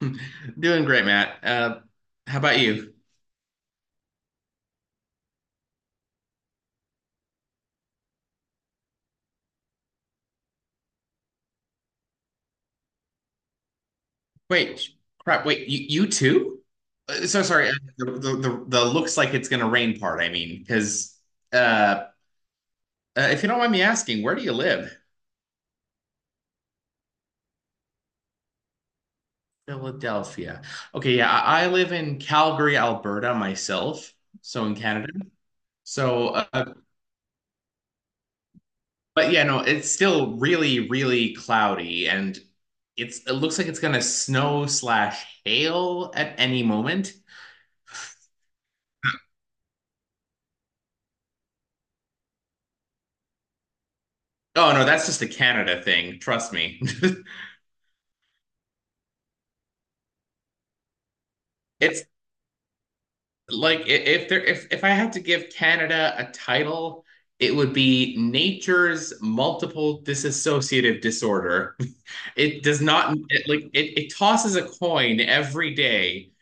Doing great, Matt. How about you? Wait, crap. Wait, you too? So sorry. The looks like it's gonna rain part. I mean, because uh, uh, if you don't mind me asking, where do you live? Philadelphia. Okay, yeah, I live in Calgary, Alberta myself, so in Canada. So, but yeah, no, it's still really, really cloudy, and it looks like it's gonna snow slash hail at any moment. Oh no, that's just a Canada thing. Trust me. It's like I- if there if I had to give Canada a title, it would be nature's multiple dissociative disorder. It does not it, like it tosses a coin every day,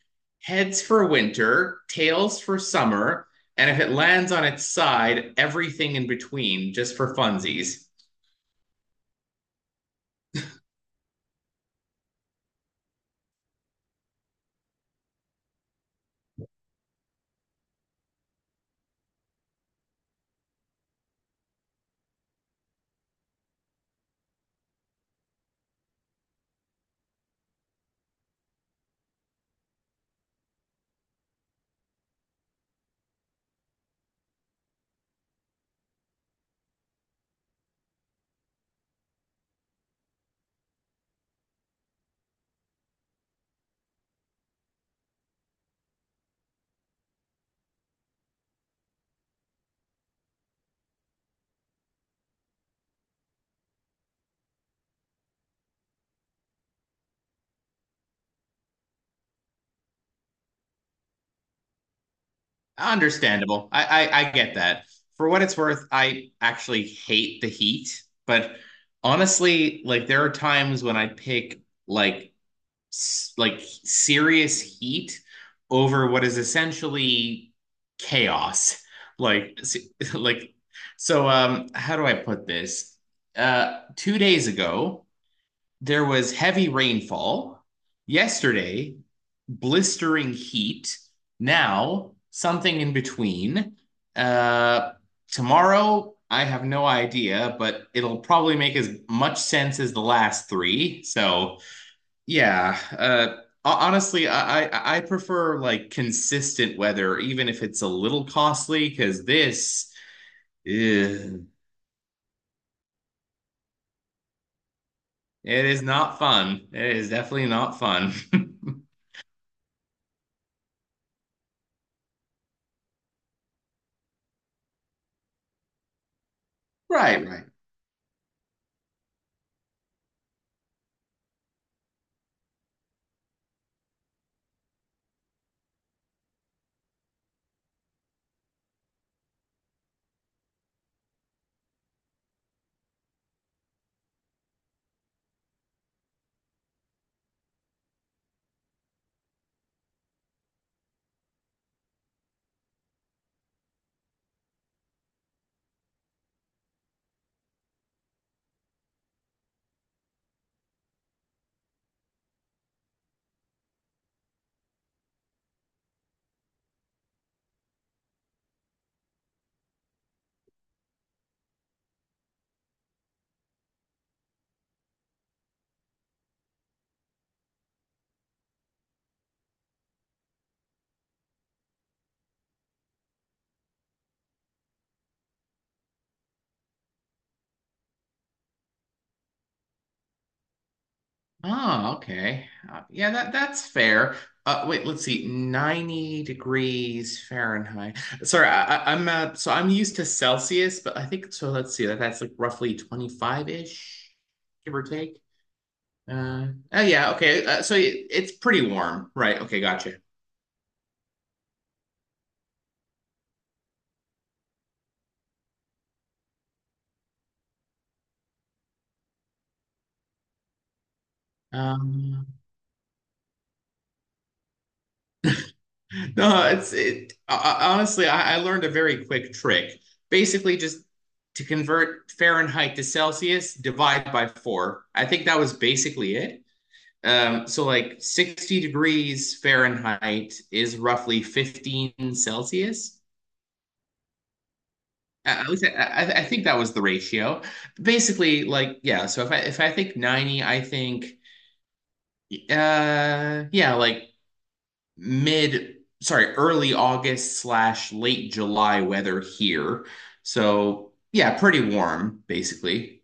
heads for winter, tails for summer, and if it lands on its side, everything in between just for funsies. Understandable. I get that. For what it's worth, I actually hate the heat, but honestly, like there are times when I pick like like serious heat over what is essentially chaos. Like like so how do I put this? 2 days ago, there was heavy rainfall yesterday, blistering heat. Now, something in between. Uh, tomorrow, I have no idea, but it'll probably make as much sense as the last three. So, yeah. Honestly, I prefer like consistent weather, even if it's a little costly. Because this ugh, it is not fun. It is definitely not fun. Right, right. Oh, okay. Yeah, that's fair. Wait, let's see. 90 degrees Fahrenheit. Sorry, I, I'm so I'm used to Celsius, but I think so. Let's see. That's like roughly 25-ish, give or take. Uh, oh yeah, okay. So it's pretty warm, right? Okay, gotcha. Um, no, it's it. Honestly, I learned a very quick trick. Basically, just to convert Fahrenheit to Celsius, divide by four. I think that was basically it. So like 60 degrees Fahrenheit is roughly 15 Celsius. I, I, I think that was the ratio. Basically, like yeah. So if I think 90, I think yeah, like mid sorry early August slash late July weather here. So yeah, pretty warm basically.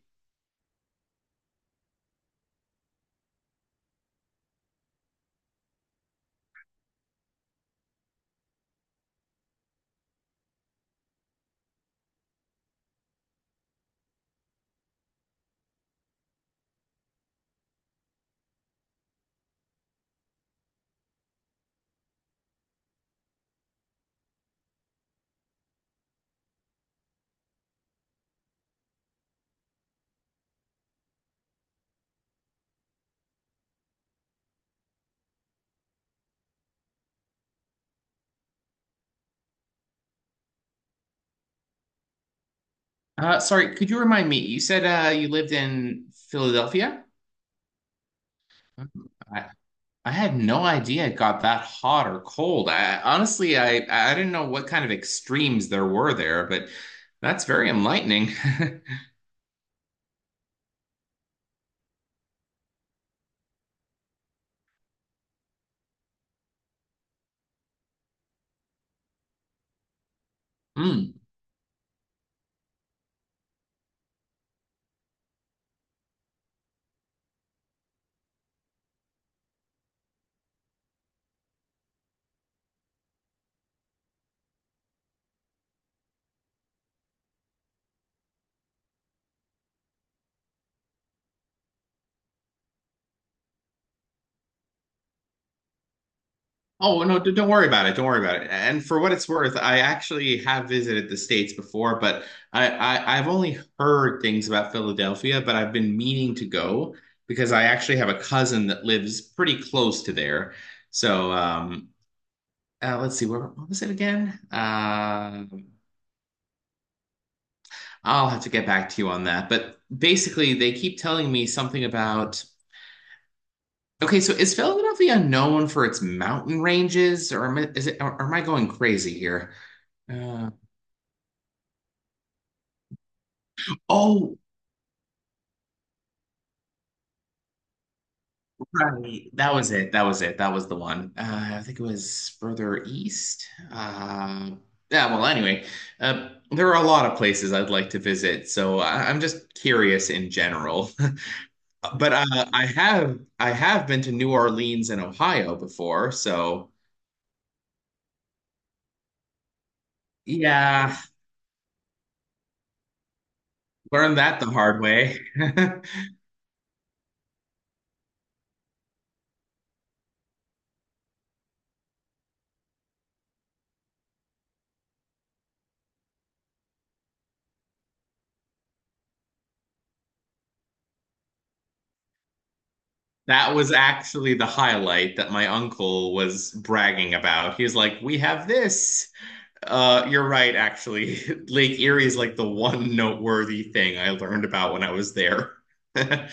Sorry, could you remind me? You said you lived in Philadelphia? I, I had no idea it got that hot or cold. I honestly, I didn't know what kind of extremes there were there, but that's very enlightening. Mm. Oh, no, don't worry about it. Don't worry about it. And for what it's worth, I actually have visited the States before, but I've only heard things about Philadelphia, but I've been meaning to go because I actually have a cousin that lives pretty close to there. So, let's see, where what was it again? I'll have to get back to you on that. But basically, they keep telling me something about. Okay, so is Philadelphia known for its mountain ranges, or am I, is it, or am I going crazy here? Uh, oh, right, that was it. That was it. That was the one. I think it was further east. Uh, yeah. Well, anyway, there are a lot of places I'd like to visit, so I'm just curious in general. But I have been to New Orleans and Ohio before, so. Yeah, learned that the hard way. That was actually the highlight that my uncle was bragging about. He was like, "We have this." You're right, actually. Lake Erie is like the one noteworthy thing I learned about when I was there.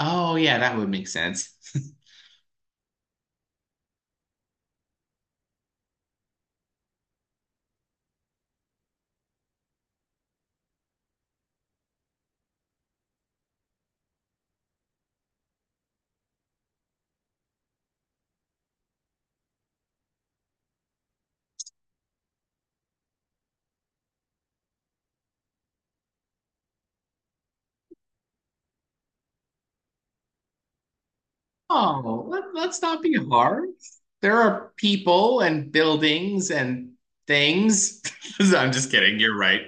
Oh, yeah, that would make sense. Oh, let's not be hard. There are people and buildings and things. I'm just kidding. You're right.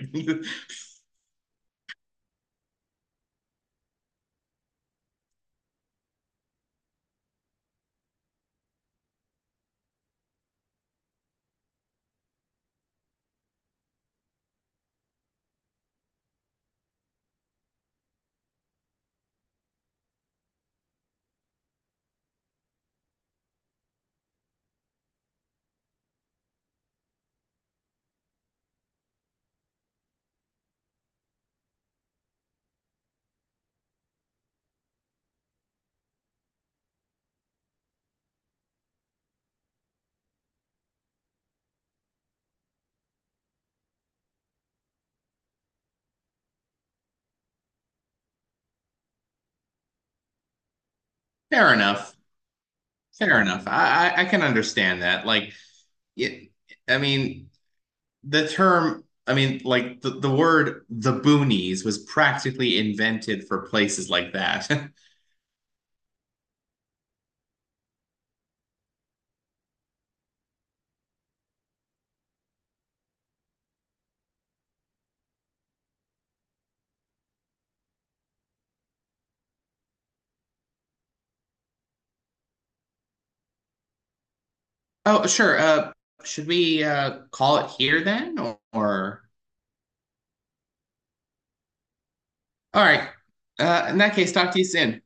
Fair enough. Fair enough. I can understand that. Like, it, I mean, the term, I mean, like the word the boonies was practically invented for places like that. Oh, sure. Should we call it here then, or? All right. In that case, talk to you soon.